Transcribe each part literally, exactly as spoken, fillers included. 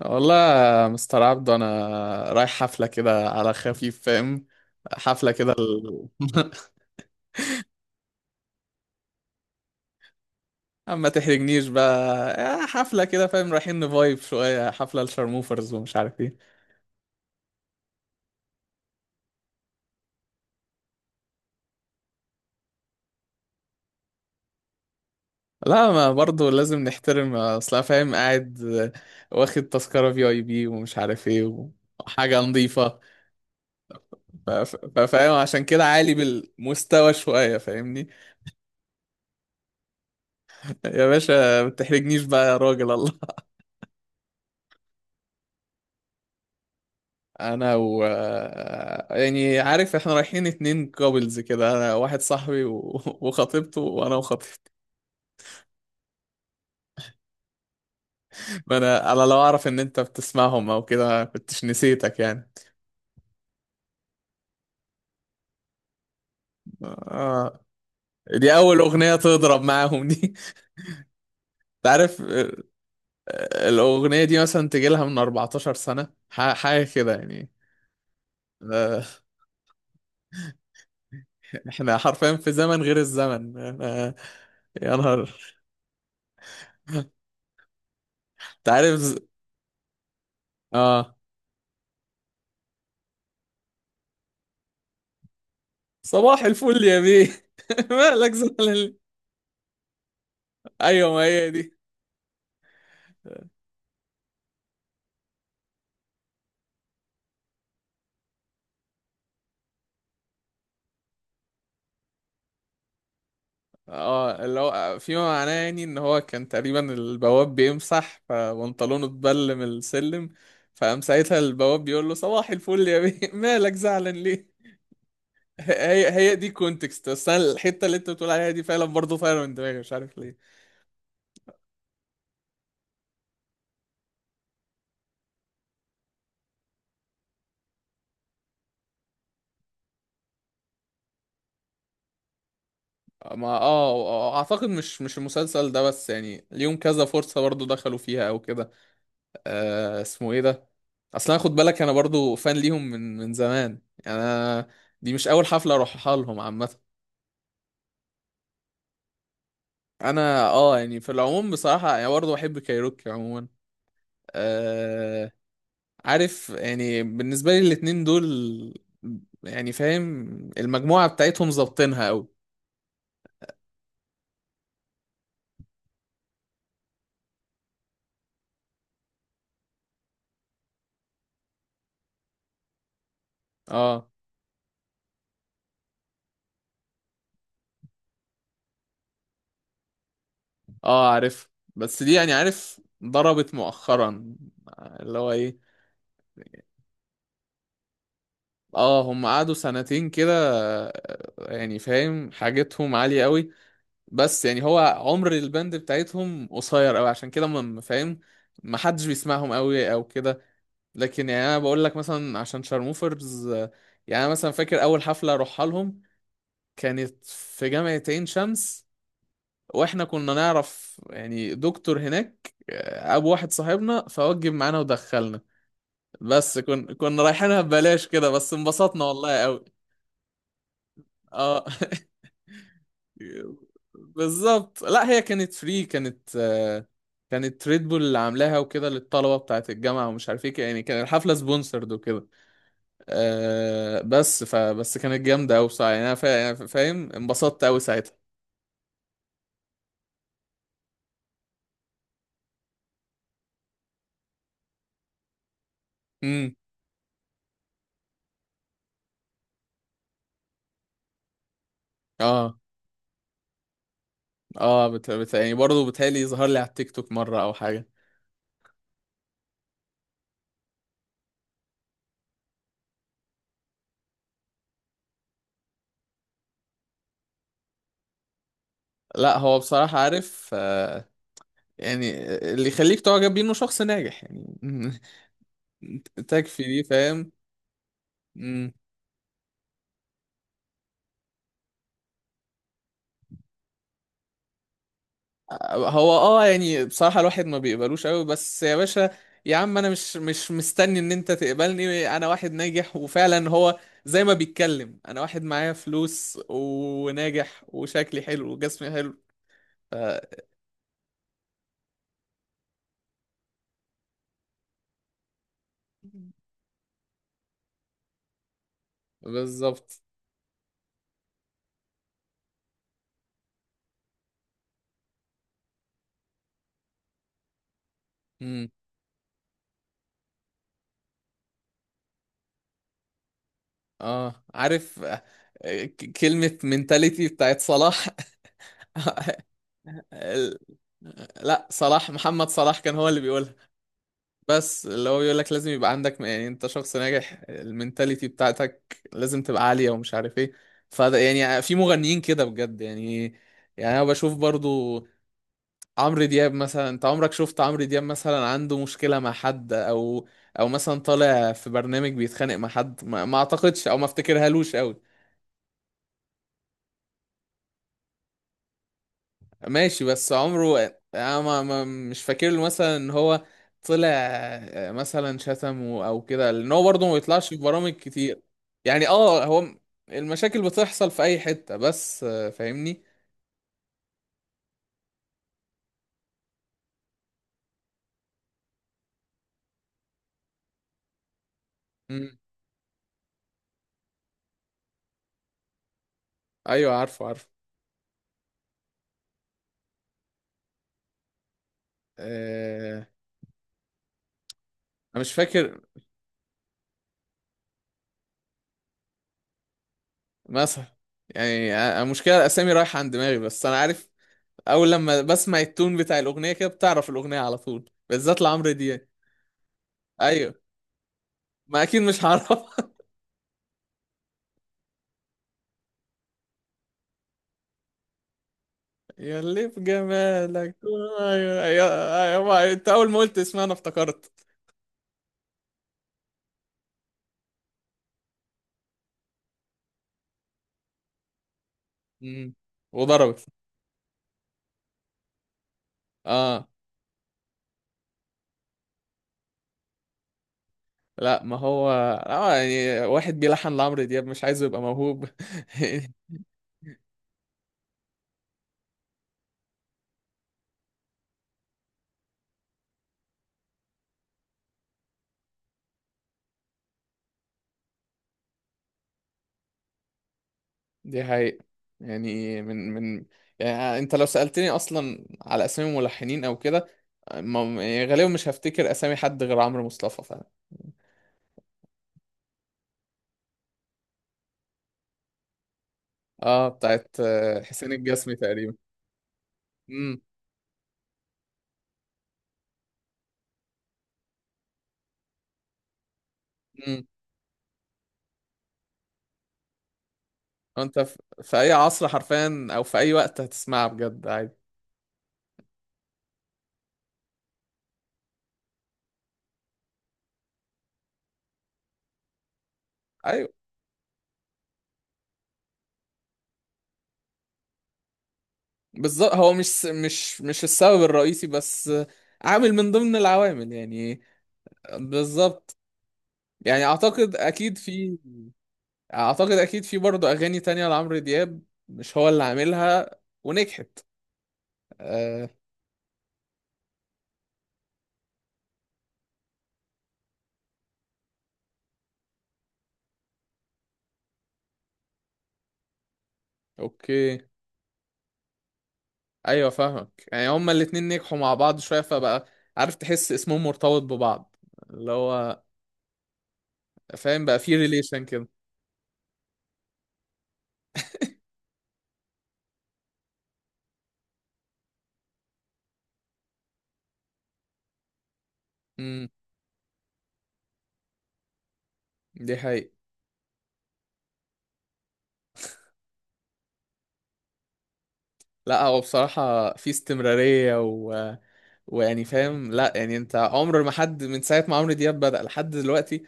والله يا مستر عبدو انا رايح حفله كده على خفيف، فاهم. حفله كده ال... اما تحرجنيش بقى. آه، حفله كده فاهم، رايحين نفايب شويه حفله الشرموفرز ومش عارف ايه. لا، ما برضو لازم نحترم اصلا فاهم. قاعد آه، واخد تذكره في اي بي ومش عارف ايه وحاجه نظيفه. ف- ف- فاهم عشان كده عالي بالمستوى شويه فاهمني. يا باشا ما تحرجنيش بقى يا راجل الله. انا و آه، يعني عارف احنا رايحين اتنين كابلز كده، انا واحد صاحبي و... وخطيبته وانا وخطيبتي. ما انا انا لو اعرف ان انت بتسمعهم او كده ما كنتش نسيتك يعني. آه. دي اول اغنية تضرب معاهم دي. انت عارف. آه، آه، الاغنية دي مثلا تجي لها من 14 سنة ح- حاجة كده يعني. آه، احنا حرفيا في زمن غير الزمن آه، يا نهار. انت عارف. ز- اه صباح الفل يا بيه. مالك زعلان؟ ايوه، ما هي دي. اه اللي هو فيما معناه يعني ان هو كان تقريبا البواب بيمسح فبنطلونه اتبل من السلم، فقام ساعتها البواب بيقول له صباح الفل يا بيه. مالك زعلان ليه؟ هي هي دي كونتكست، بس انا الحته اللي انت بتقول عليها دي فعلا برضه فعلا من دماغي مش عارف ليه. ما اه اعتقد مش مش المسلسل ده، بس يعني ليهم كذا فرصه برضه دخلوا فيها او كده. آه اسمه ايه ده. اصلا خد بالك انا برضو فان ليهم من من زمان، يعني انا دي مش اول حفله اروحها لهم عامه. انا اه يعني في العموم بصراحه يعني برضو بحب كايروكي عموما. آه. عارف يعني بالنسبه لي الاتنين دول يعني فاهم المجموعه بتاعتهم ظابطينها قوي. اه. اه عارف، بس دي يعني عارف ضربت مؤخرا، اللي هو ايه. اه هم قعدوا سنتين كده. آه، يعني فاهم حاجتهم عالية قوي، بس يعني هو عمر الباند بتاعتهم قصير قوي عشان كده ما ما- فاهم، ما حدش بيسمعهم قوي او كده. لكن يعني انا بقول لك مثلا عشان شارموفرز آه، يعني انا مثلا فاكر اول حفله اروحها لهم كانت في جامعه عين شمس، واحنا كنا نعرف يعني دكتور هناك، آه، ابو واحد صاحبنا فوجب معانا ودخلنا. بس كن كنا رايحينها ببلاش كده، بس انبسطنا والله قوي. اه. بالظبط. لا هي كانت فري، كانت آه، كانت ريد بول اللي عاملاها وكده للطلبه بتاعت الجامعه ومش عارف ايه، يعني كان الحفله سبونسرد وكده. آه، بس فبس كانت جامده قوي بصراحه، يعني انا فا- يعني فا- فاهم انبسطت قوي ساعتها. امم. اه اه بت... بت... يعني برضه بتهيألي ظهر لي على التيك توك مره او حاجه. لا هو بصراحه عارف آه، يعني اللي يخليك تعجب بيه انه شخص ناجح يعني. تكفي دي فاهم. امم. هو اه يعني بصراحة الواحد ما بيقبلوش قوي بس يا باشا. يا عم انا مش مش مستني ان انت تقبلني انا واحد ناجح، وفعلا هو زي ما بيتكلم انا واحد معايا فلوس وناجح وشكلي حلو وجسمي حلو. ف- بالظبط. امم. اه عارف آه، ك- كلمة منتاليتي بتاعت صلاح. ال- لا، صلاح محمد صلاح كان هو اللي بيقولها. بس اللي هو بيقول لك لازم يبقى عندك يعني انت شخص ناجح، المينتاليتي بتاعتك لازم تبقى عالية ومش عارف ايه. فده يعني في مغنيين كده بجد يعني. يعني انا بشوف برضو عمرو دياب مثلا، انت عمرك شفت عمرو دياب مثلا عنده مشكلة مع حد؟ او او مثلا طالع في برنامج بيتخانق مع حد؟ ما, ما اعتقدش او ما افتكرهالوش قوي. ماشي، بس عمره انا ما ما- مش فاكر له مثلا ان هو طلع آه، مثلا شتم و- او كده، لان هو برضه ما بيطلعش في برامج كتير. يعني اه هو م- المشاكل بتحصل في اي حتة، بس آه، فاهمني. مم. ايوه عارفه عارفه. آه، انا مش فاكر. مثلا يعني آه، المشكلة الاسامي رايحة عن دماغي، بس انا عارف اول لما بسمع التون بتاع الاغنية كده بتعرف الاغنية على طول بالذات لعمرو دياب. ايوه. ما اكيد مش هعرف. يا اللي في جمالك. ايوه ايوه. ايوه انت اول ما قلت اسمها انا افتكرت. مم. وضربت. اه. لا ما هو اه يعني واحد بيلحن لعمرو دياب مش عايزه يبقى موهوب. دي حقيقة، يعني من من يعني انت لو سألتني اصلا على اسامي ملحنين او كده ما- يعني غالبا مش هفتكر اسامي حد غير عمرو مصطفى. اه، بتاعت آه، حسين الجسمي تقريبا. امم. امم. انت في... في اي عصر حرفيا او في اي وقت هتسمعها بجد عادي. ايوه بالظبط، هو مش مش مش السبب الرئيسي، بس آه، عامل من ضمن العوامل يعني. بالظبط. يعني اعتقد اكيد في. اعتقد اكيد في برضه اغاني تانية لعمرو دياب مش هو اللي عاملها ونجحت. آه. اوكي. ايوه فاهمك، يعني هما الاتنين نجحوا مع بعض شوية فبقى عارف تحس اسمهم مرتبط ببعض، اللي هو فاهم، بقى في ريليشن كده. امم. دي حقيقة. لا هو بصراحة في استمرارية و... ويعني فاهم. لا يعني انت عمر ما حد من ساعة ما عمرو دياب بدأ لحد دلوقتي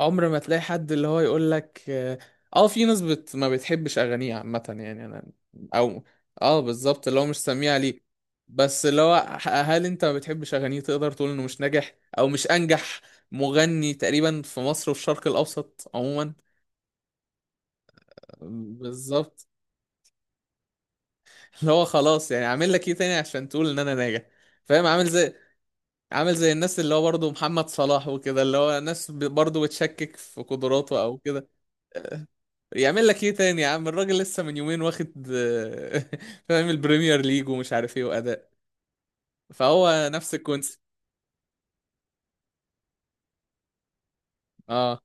عمر ما تلاقي حد اللي هو يقول لك اه، آه، في ناس بت... ما بتحبش أغانيه عامة يعني انا او. اه بالظبط، اللي هو مش سميع ليك. بس اللي هو ح- هل انت ما بتحبش أغانيه تقدر تقول انه مش ناجح او مش انجح مغني تقريبا في مصر وفي الشرق الأوسط عموما؟ بالظبط، اللي هو خلاص، يعني اعمل لك ايه تاني عشان تقول ان انا ناجح. فاهم عامل زي، عامل زي الناس اللي هو برضه محمد صلاح وكده اللي هو ناس ب- برضه بتشكك في قدراته او كده. يعمل لك ايه تاني؟ يا عم الراجل لسه من يومين واخد فاهم البريمير ليج ومش عارف ايه واداء. فهو نفس الكونسيبت. اه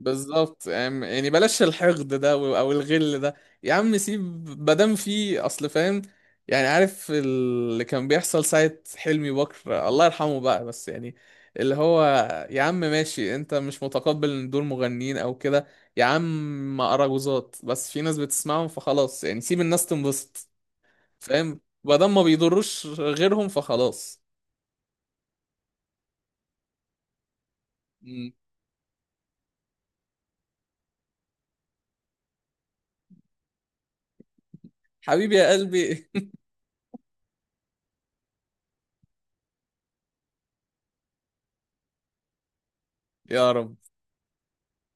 بالظبط. يعني يعني بلاش الحقد ده و- او الغل ده. يا عم سيب، مادام في اصل فاهم يعني عارف اللي كان بيحصل ساعة حلمي بكر الله يرحمه بقى، بس يعني اللي هو يا عم ماشي، انت مش متقبل ان دول مغنيين او كده، يا عم اراجوزات، بس في ناس بتسمعهم فخلاص، يعني سيب الناس تنبسط. فاهم، مادام ما بيضروش غيرهم فخلاص. مم. حبيبي يا قلبي. يا رب.